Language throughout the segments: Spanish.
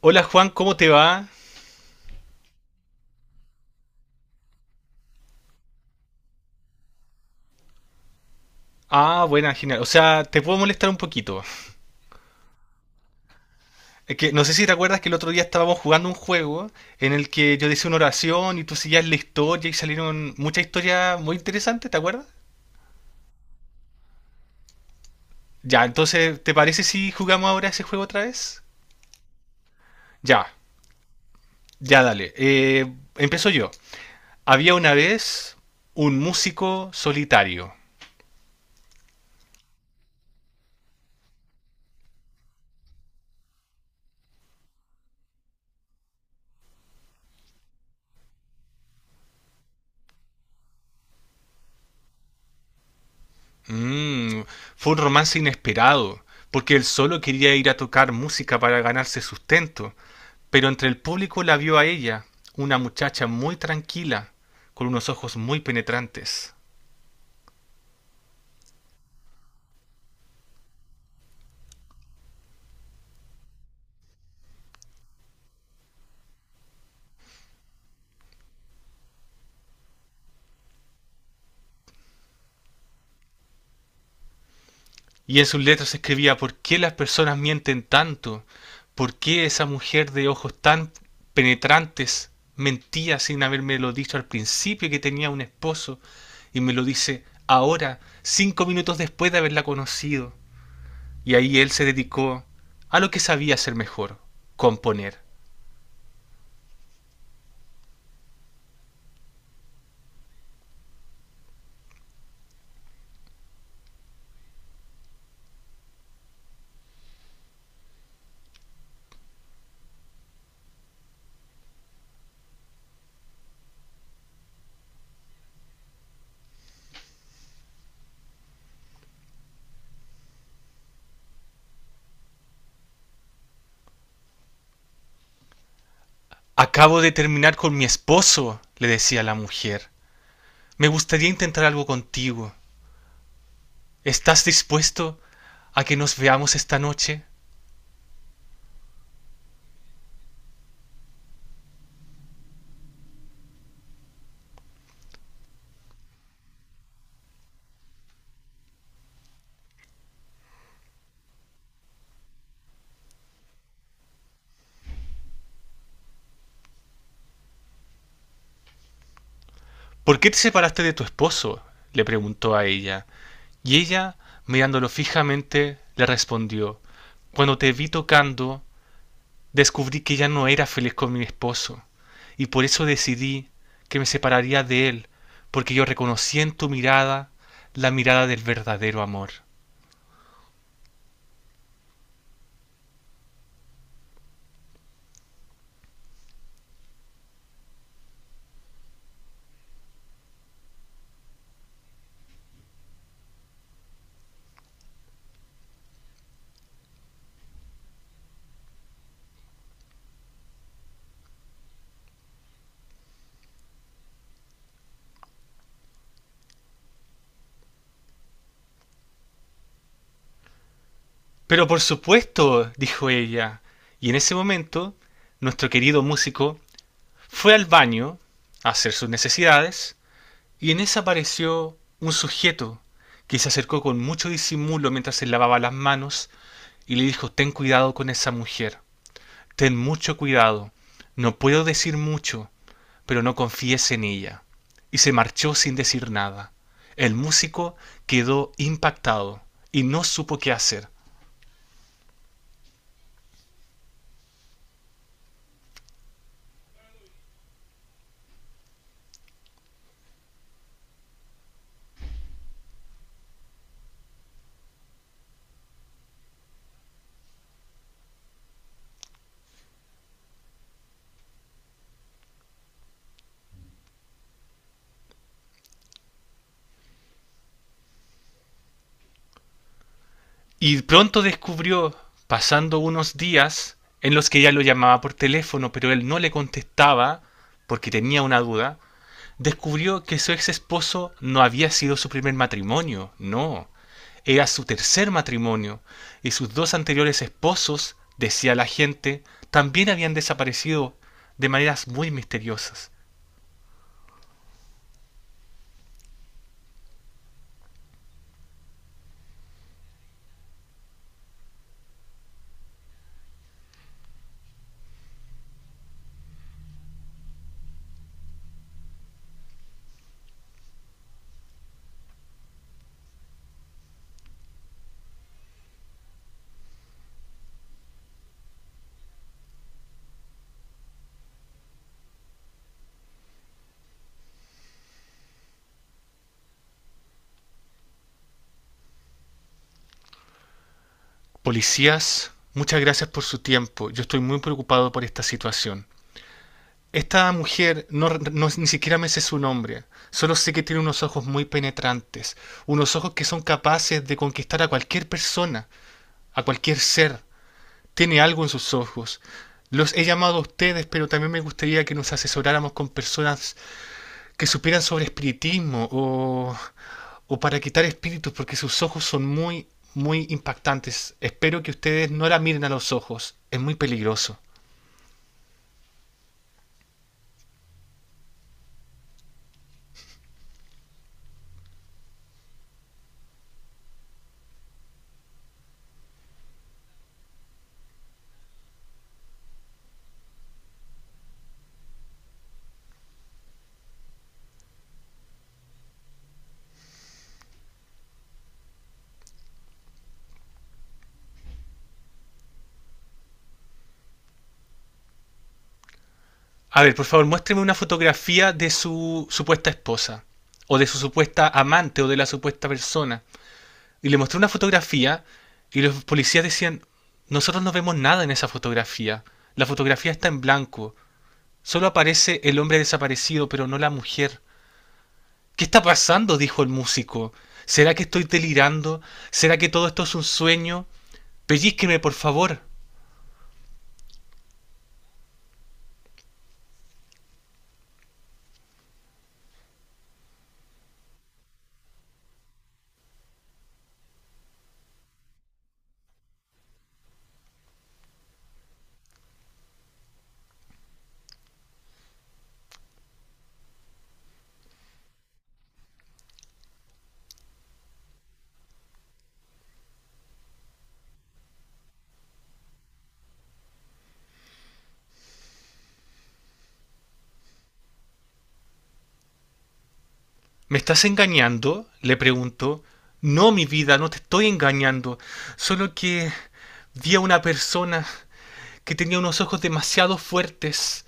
Hola Juan, ¿cómo te va? Ah, buena, genial. O sea, te puedo molestar un poquito. Es que no sé si te acuerdas que el otro día estábamos jugando un juego en el que yo decía una oración y tú seguías la historia y salieron muchas historias muy interesantes, ¿te acuerdas? Ya, entonces, ¿te parece si jugamos ahora ese juego otra vez? Ya, ya dale. Empiezo yo. Había una vez un músico solitario. Mm, fue un romance inesperado, porque él solo quería ir a tocar música para ganarse sustento, pero entre el público la vio a ella, una muchacha muy tranquila, con unos ojos muy penetrantes. Y en sus letras escribía: ¿Por qué las personas mienten tanto? ¿Por qué esa mujer de ojos tan penetrantes mentía sin habérmelo dicho al principio que tenía un esposo y me lo dice ahora, 5 minutos después de haberla conocido? Y ahí él se dedicó a lo que sabía hacer mejor, componer. Acabo de terminar con mi esposo, le decía la mujer. Me gustaría intentar algo contigo. ¿Estás dispuesto a que nos veamos esta noche? ¿Por qué te separaste de tu esposo?, le preguntó a ella. Y ella, mirándolo fijamente, le respondió: Cuando te vi tocando, descubrí que ya no era feliz con mi esposo, y por eso decidí que me separaría de él, porque yo reconocí en tu mirada la mirada del verdadero amor. Pero por supuesto, dijo ella, y en ese momento nuestro querido músico fue al baño a hacer sus necesidades y en esa apareció un sujeto que se acercó con mucho disimulo mientras se lavaba las manos y le dijo: ten cuidado con esa mujer, ten mucho cuidado, no puedo decir mucho, pero no confíes en ella. Y se marchó sin decir nada. El músico quedó impactado y no supo qué hacer. Y pronto descubrió, pasando unos días, en los que ella lo llamaba por teléfono, pero él no le contestaba porque tenía una duda, descubrió que su ex esposo no había sido su primer matrimonio, no, era su tercer matrimonio, y sus dos anteriores esposos, decía la gente, también habían desaparecido de maneras muy misteriosas. Policías, muchas gracias por su tiempo, yo estoy muy preocupado por esta situación. Esta mujer, ni siquiera me sé su nombre, solo sé que tiene unos ojos muy penetrantes, unos ojos que son capaces de conquistar a cualquier persona, a cualquier ser. Tiene algo en sus ojos. Los he llamado a ustedes, pero también me gustaría que nos asesoráramos con personas que supieran sobre espiritismo o para quitar espíritus, porque sus ojos son muy, muy impactantes. Espero que ustedes no la miren a los ojos, es muy peligroso. A ver, por favor, muéstreme una fotografía de su supuesta esposa, o de su supuesta amante, o de la supuesta persona. Y le mostré una fotografía y los policías decían: nosotros no vemos nada en esa fotografía. La fotografía está en blanco. Solo aparece el hombre desaparecido, pero no la mujer. ¿Qué está pasando?, dijo el músico. ¿Será que estoy delirando? ¿Será que todo esto es un sueño? Pellízqueme, por favor. ¿Me estás engañando?, le preguntó. No, mi vida, no te estoy engañando. Solo que vi a una persona que tenía unos ojos demasiado fuertes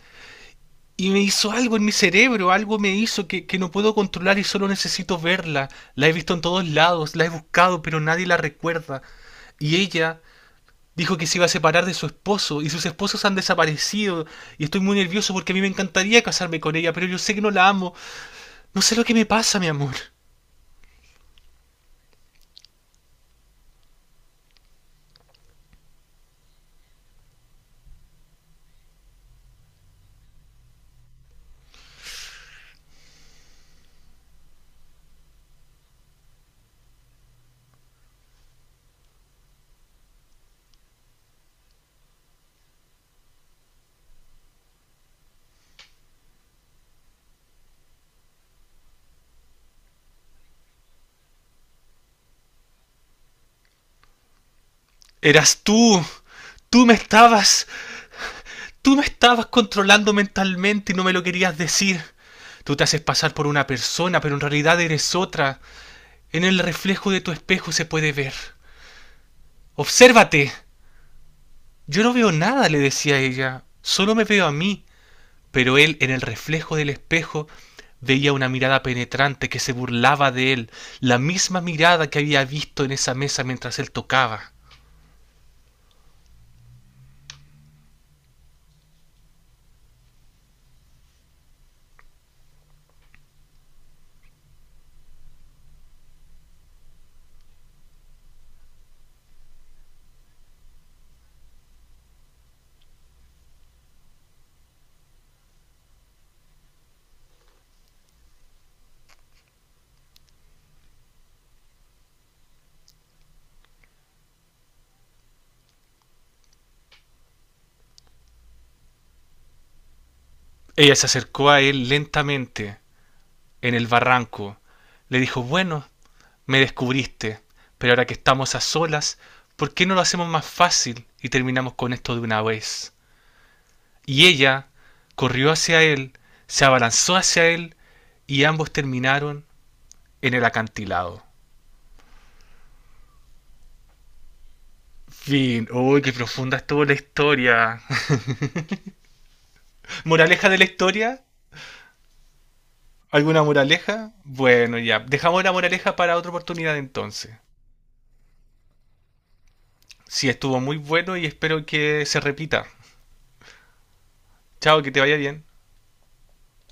y me hizo algo en mi cerebro, algo me hizo que no puedo controlar y solo necesito verla. La he visto en todos lados, la he buscado, pero nadie la recuerda. Y ella dijo que se iba a separar de su esposo y sus esposos han desaparecido y estoy muy nervioso porque a mí me encantaría casarme con ella, pero yo sé que no la amo. No sé lo que me pasa, mi amor. Eras tú. Tú me estabas, Tú me estabas controlando mentalmente y no me lo querías decir. Tú te haces pasar por una persona, pero en realidad eres otra. En el reflejo de tu espejo se puede ver. Obsérvate. Yo no veo nada, le decía ella. Solo me veo a mí. Pero él, en el reflejo del espejo, veía una mirada penetrante que se burlaba de él, la misma mirada que había visto en esa mesa mientras él tocaba. Ella se acercó a él lentamente, en el barranco. Le dijo: bueno, me descubriste, pero ahora que estamos a solas, ¿por qué no lo hacemos más fácil y terminamos con esto de una vez? Y ella corrió hacia él, se abalanzó hacia él y ambos terminaron en el acantilado. Fin. Uy, qué profunda estuvo la historia. ¿Moraleja de la historia? ¿Alguna moraleja? Bueno, ya. Dejamos la moraleja para otra oportunidad entonces. Sí, estuvo muy bueno y espero que se repita. Chao, que te vaya bien.